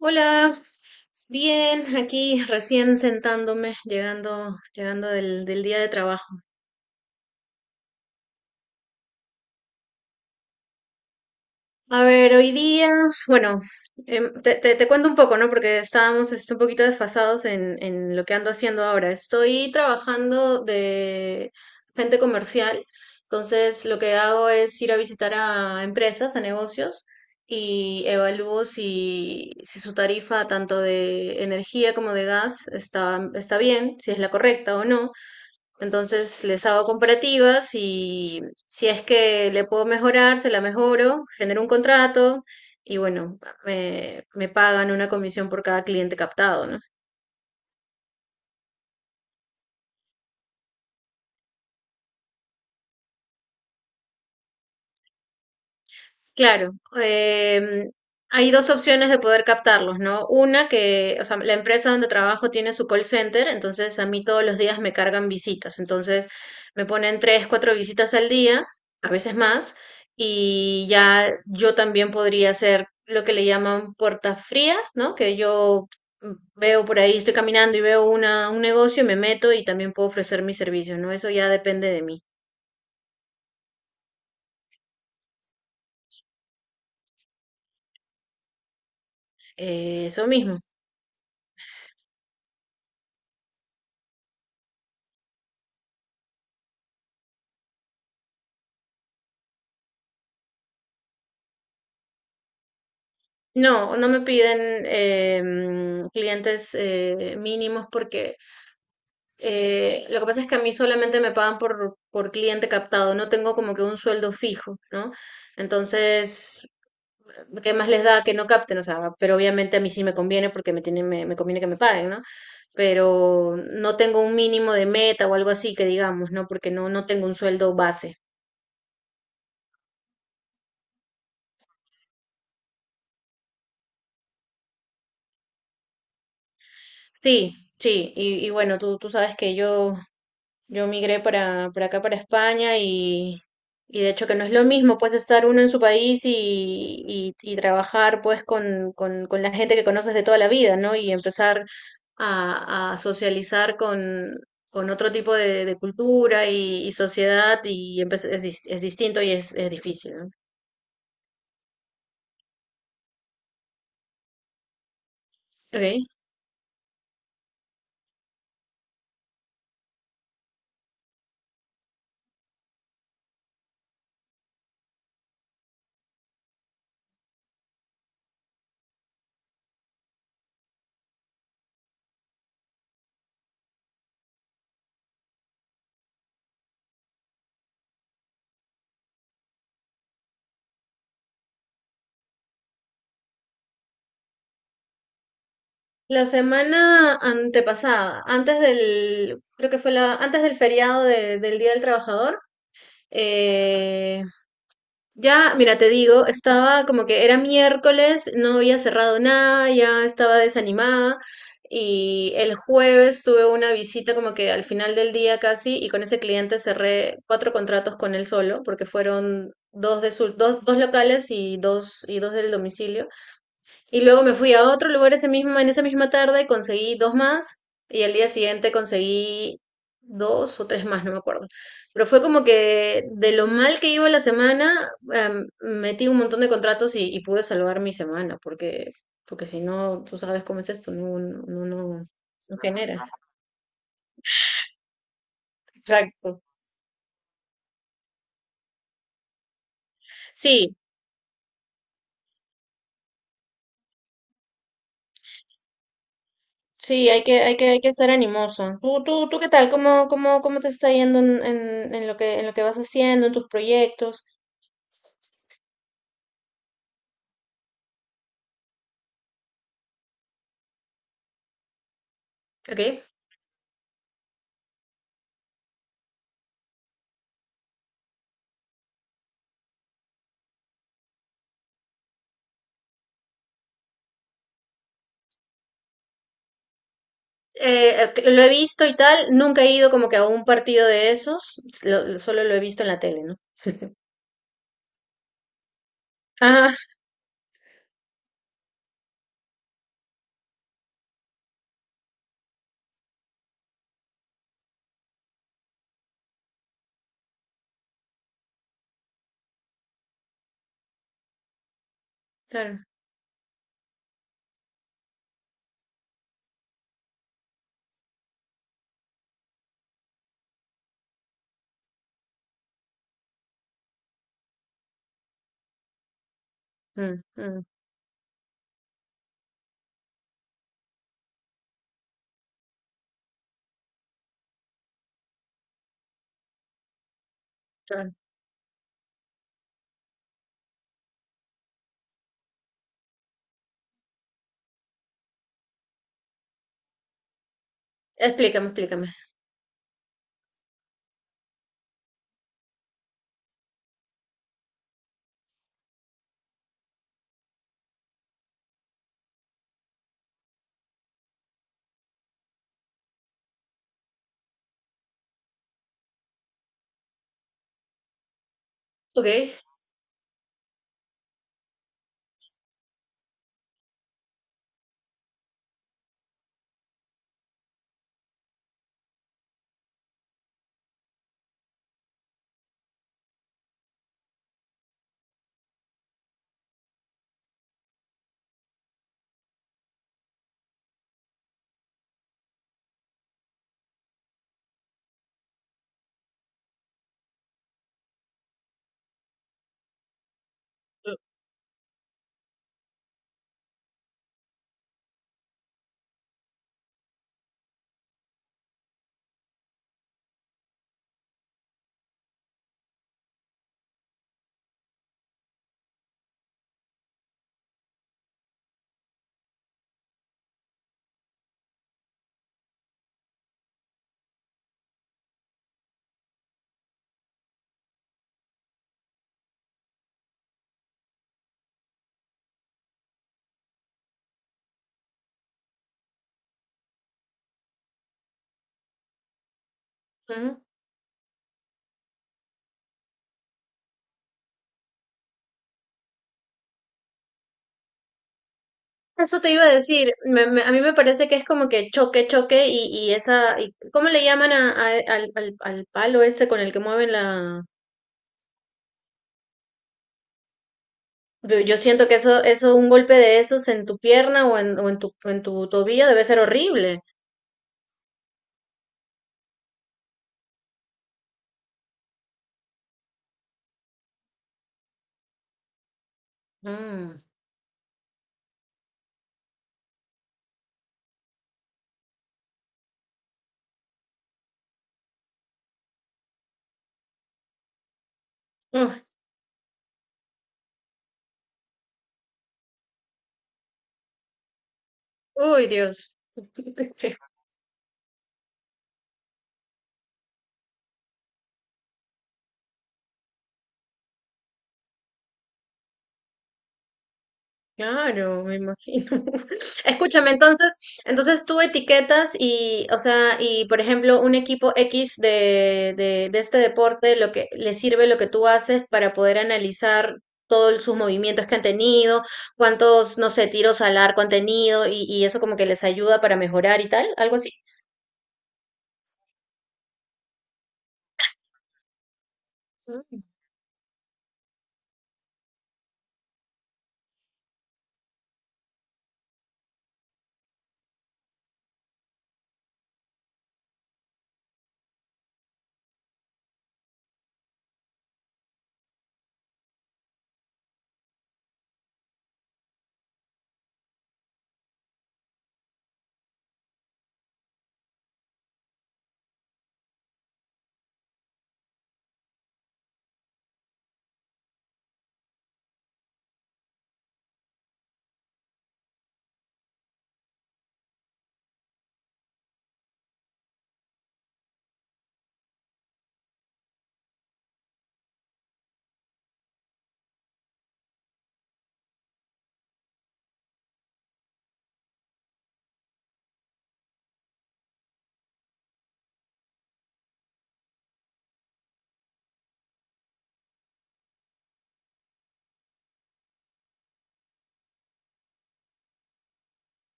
Hola, bien, aquí recién sentándome, llegando del día de trabajo. A ver, hoy día, bueno, te cuento un poco, ¿no? Porque estábamos este, un poquito desfasados en lo que ando haciendo ahora. Estoy trabajando de gente comercial, entonces lo que hago es ir a visitar a empresas, a negocios. Y evalúo si, si su tarifa tanto de energía como de gas está bien, si es la correcta o no. Entonces les hago comparativas y si es que le puedo mejorar, se la mejoro, genero un contrato y bueno, me pagan una comisión por cada cliente captado, ¿no? Claro, em, hay dos opciones de poder captarlos, ¿no? Una que, o sea, la empresa donde trabajo tiene su call center, entonces a mí todos los días me cargan visitas, entonces me ponen tres, cuatro visitas al día, a veces más, y ya yo también podría hacer lo que le llaman puerta fría, ¿no? Que yo veo por ahí, estoy caminando y veo una, un negocio y me meto y también puedo ofrecer mis servicios, ¿no? Eso ya depende de mí. Eso mismo. No, no me piden clientes mínimos porque lo que pasa es que a mí solamente me pagan por cliente captado, no tengo como que un sueldo fijo, ¿no? Entonces, ¿qué más les da que no capten? O sea, pero obviamente a mí sí me conviene porque me tienen, me conviene que me paguen, ¿no? Pero no tengo un mínimo de meta o algo así que digamos, ¿no? Porque no, no tengo un sueldo base. Sí, sí, y bueno, tú sabes que yo migré para acá, para España, y de hecho que no es lo mismo, pues estar uno en su país y trabajar pues con la gente que conoces de toda la vida, ¿no? Y empezar a socializar con otro tipo de cultura y sociedad, y es distinto y es difícil, ¿no? Okay. La semana antepasada, antes del, creo que fue la, antes del feriado del Día del Trabajador, eh, ya, mira, te digo, estaba como que era miércoles, no había cerrado nada, ya estaba desanimada y el jueves tuve una visita como que al final del día casi y con ese cliente cerré cuatro contratos con él solo porque fueron dos de su, dos locales y dos del domicilio. Y luego me fui a otro lugar ese mismo, en esa misma tarde, conseguí dos más y al día siguiente conseguí dos o tres más, no me acuerdo. Pero fue como que de lo mal que iba la semana, metí un montón de contratos y pude salvar mi semana, porque, porque si no, tú sabes cómo es esto, no no genera. Exacto. Sí, sí, hay que, hay que, hay que estar animoso. ¿Tú qué tal? ¿Cómo te está yendo en lo que vas haciendo, en tus proyectos? Ok. Lo he visto y tal, nunca he ido como que a un partido de esos, solo lo he visto en la tele, ¿no? Ah, claro. Mm, mm, claro. Explícame, explícame. Ok. Ujú. Eso te iba a decir, a mí me parece que es como que choque, choque y esa, ¿cómo le llaman al palo ese con el que mueven la... Yo siento que eso, un golpe de esos en tu pierna o en tu tobillo debe ser horrible. Mm. Uf, uy, Dios. Claro, me imagino. Escúchame, entonces, entonces tú etiquetas y, o sea, y por ejemplo, un equipo X de este deporte, lo que le sirve lo que tú haces para poder analizar todos sus movimientos que han tenido, cuántos, no sé, tiros al arco han tenido y eso como que les ayuda para mejorar y tal, algo así.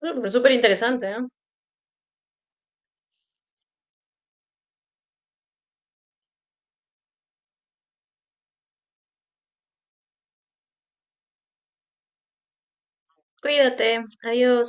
Mm, súper interesante, ¿eh? Cuídate, adiós.